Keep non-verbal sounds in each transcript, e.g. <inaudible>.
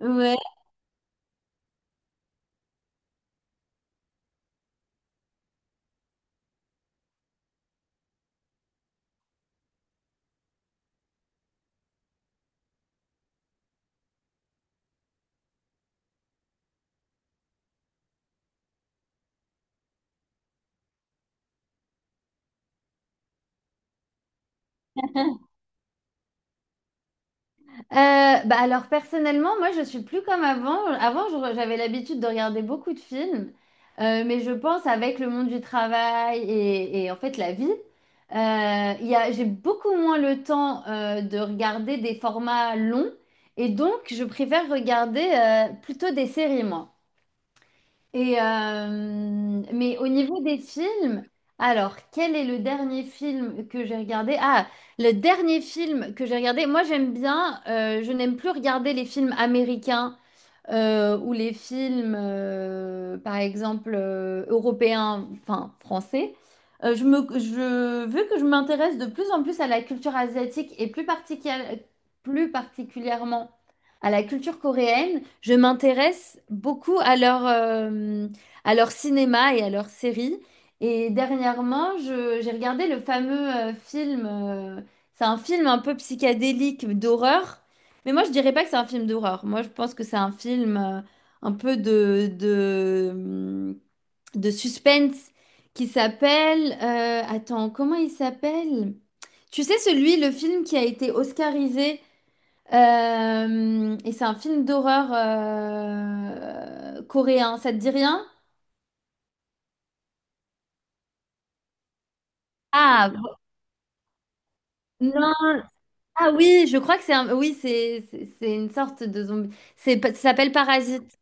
Ouais. Bah alors personnellement, moi je suis plus comme avant. Avant, j'avais l'habitude de regarder beaucoup de films. Mais je pense avec le monde du travail et, en fait la vie, il y a, j'ai beaucoup moins le temps de regarder des formats longs et donc je préfère regarder plutôt des séries, moi. Et euh, mais au niveau des films, alors quel est le dernier film que j'ai regardé? Ah, le dernier film que j'ai regardé, moi j'aime bien, je n'aime plus regarder les films américains ou les films, par exemple, européens, enfin français, vu que je m'intéresse de plus en plus à la culture asiatique et plus particulièrement à la culture coréenne, je m'intéresse beaucoup à leur cinéma et à leurs séries. Et dernièrement, j'ai regardé le fameux film, c'est un film un peu psychédélique d'horreur, mais moi, je dirais pas que c'est un film d'horreur. Moi, je pense que c'est un film un peu de suspense qui s'appelle... attends, comment il s'appelle? Tu sais, celui, le film qui a été oscarisé, et c'est un film d'horreur coréen, ça te dit rien? Ah, Non, ah oui, je crois que c'est un... Oui, c'est une sorte de zombie. C'est, ça s'appelle Parasite.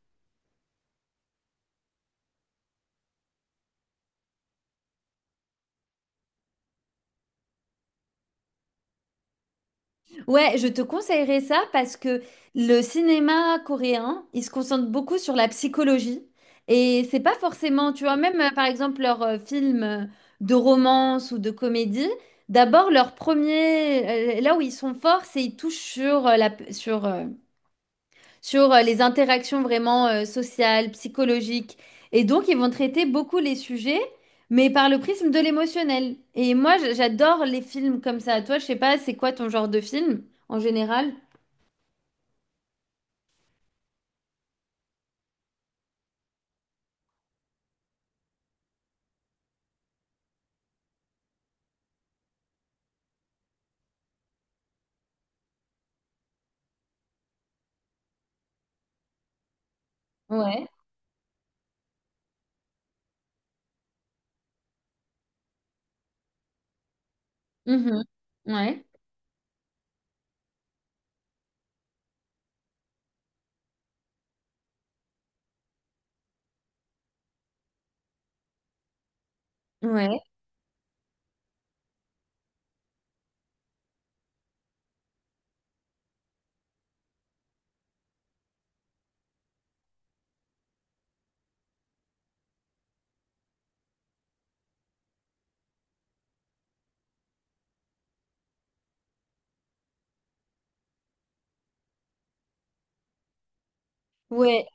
Ouais, je te conseillerais ça parce que le cinéma coréen, il se concentre beaucoup sur la psychologie et c'est pas forcément, tu vois, même par exemple leurs films de romance ou de comédie, d'abord leur premier, là où ils sont forts, c'est ils touchent sur les interactions vraiment sociales, psychologiques. Et donc, ils vont traiter beaucoup les sujets, mais par le prisme de l'émotionnel. Et moi, j'adore les films comme ça. Toi, je sais pas, c'est quoi ton genre de film en général? Ouais. Mhm. Ouais. Ouais. Ouais.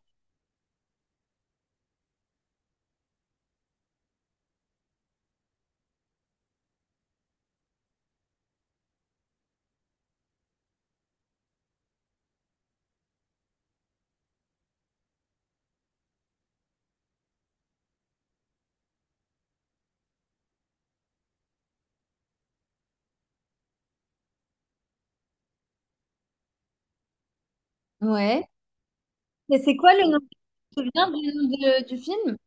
Ouais. Et c'est quoi le nom? Tu te souviens du nom du film?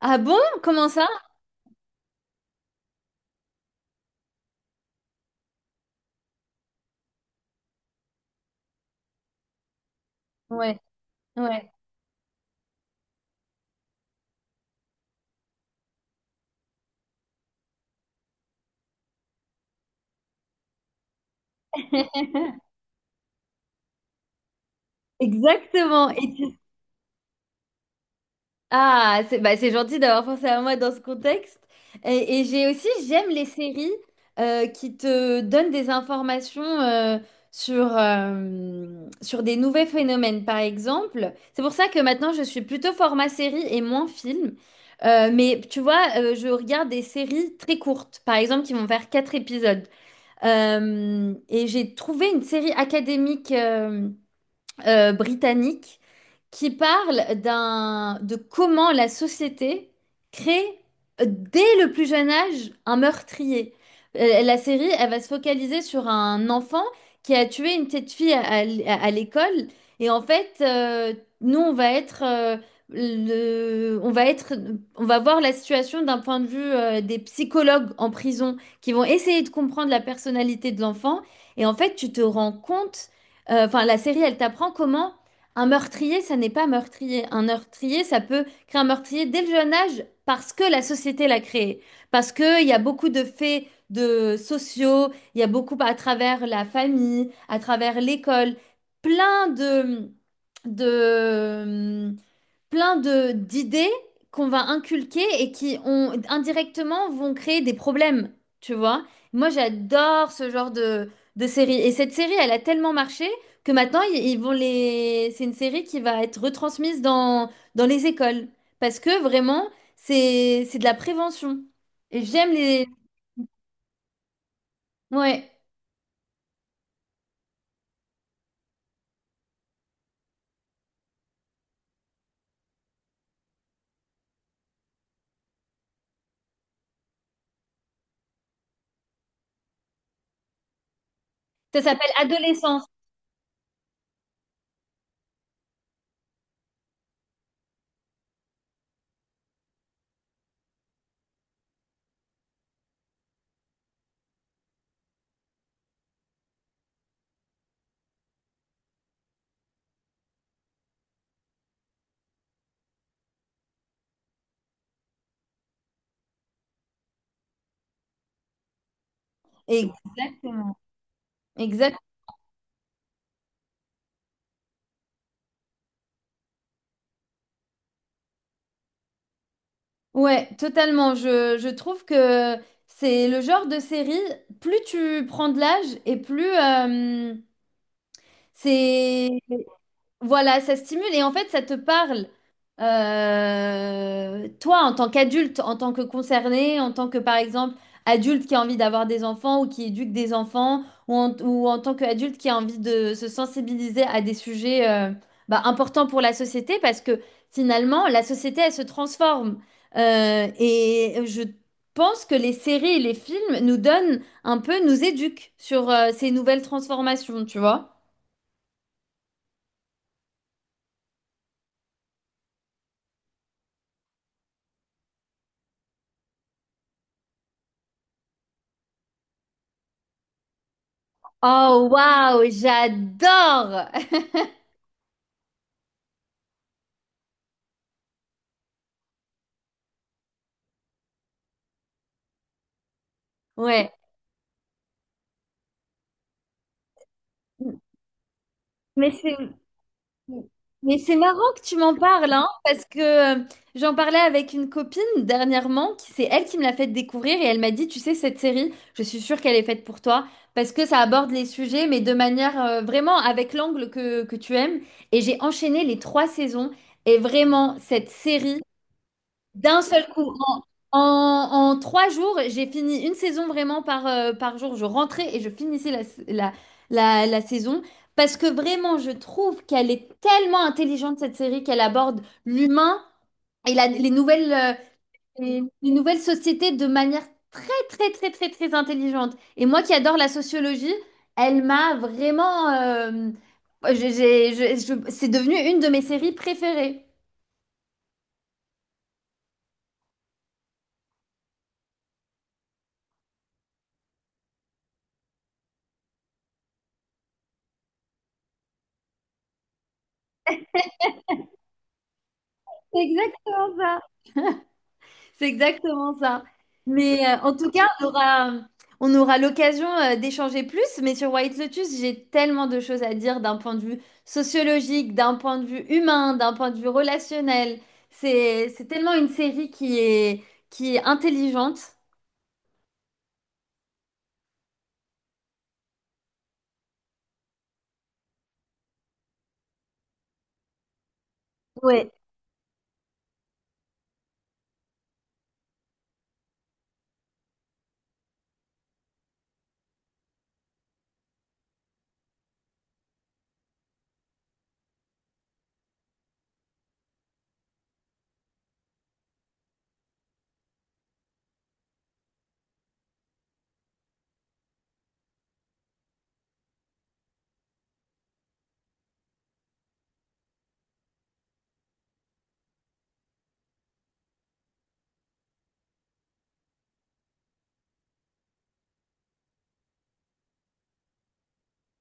Ah bon? Comment ça? Ouais. Ouais. <laughs> Exactement. Ah, c'est gentil d'avoir pensé à moi dans ce contexte. Et j'ai aussi, j'aime les séries qui te donnent des informations sur, sur des nouveaux phénomènes, par exemple. C'est pour ça que maintenant, je suis plutôt format série et moins film. Mais tu vois, je regarde des séries très courtes, par exemple, qui vont faire 4 épisodes. Et j'ai trouvé une série académique, britannique, qui parle d'un, de comment la société crée dès le plus jeune âge un meurtrier. La série, elle va se focaliser sur un enfant qui a tué une petite fille à l'école. Et en fait, nous, on va être, on va être, on va voir la situation d'un point de vue des psychologues en prison qui vont essayer de comprendre la personnalité de l'enfant. Et en fait, tu te rends compte Enfin, la série, elle t'apprend comment un meurtrier, ça n'est pas meurtrier. Un meurtrier, ça peut créer un meurtrier dès le jeune âge parce que la société l'a créé. Parce qu'il y a beaucoup de faits de sociaux, il y a beaucoup à travers la famille, à travers l'école, plein de, de, plein de d'idées qu'on va inculquer et qui ont indirectement vont créer des problèmes, tu vois. Moi, j'adore ce genre de série. Et cette série, elle a tellement marché que maintenant, ils vont les... c'est une série qui va être retransmise dans les écoles. Parce que vraiment, c'est de la prévention. Et j'aime les... Ouais, ça s'appelle Adolescence. Exactement. Exact. Ouais, totalement. Je trouve que c'est le genre de série, plus tu prends de l'âge et plus c'est voilà, ça stimule et en fait, ça te parle. Toi, en tant qu'adulte, en tant que concerné, en tant que, par exemple, adulte qui a envie d'avoir des enfants ou qui éduque des enfants, ou en tant qu'adulte qui a envie de se sensibiliser à des sujets bah, importants pour la société, parce que finalement, la société, elle se transforme. Et je pense que les séries et les films nous donnent un peu, nous éduquent sur ces nouvelles transformations, tu vois. Oh, waouh, j'adore! <laughs> Ouais. Mais c'est mais c'est marrant que tu m'en parles, hein, parce que euh, j'en parlais avec une copine dernièrement, qui c'est elle qui me l'a fait découvrir et elle m'a dit, tu sais, cette série, je suis sûre qu'elle est faite pour toi, parce que ça aborde les sujets, mais de manière vraiment avec l'angle que tu aimes. Et j'ai enchaîné les 3 saisons et vraiment, cette série. D'un seul coup, en 3 jours, j'ai fini une saison vraiment par, par jour. Je rentrais et je finissais la, la saison parce que vraiment, je trouve qu'elle est tellement intelligente, cette série, qu'elle aborde l'humain et les nouvelles, les nouvelles sociétés de manière très intelligente. Et moi qui adore la sociologie, elle m'a vraiment... c'est devenu une de mes séries préférées. C'est exactement ça. C'est exactement ça. Mais en tout cas, on aura l'occasion d'échanger plus. Mais sur White Lotus, j'ai tellement de choses à dire d'un point de vue sociologique, d'un point de vue humain, d'un point de vue relationnel. C'est tellement une série qui est intelligente. Ouais,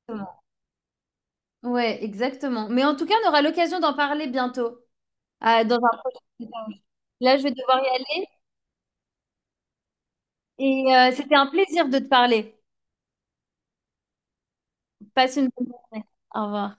exactement. Ouais, exactement. Mais en tout cas, on aura l'occasion d'en parler bientôt, dans un prochain. Là, je vais devoir y aller. C'était un plaisir de te parler. Passe une bonne journée. Au revoir.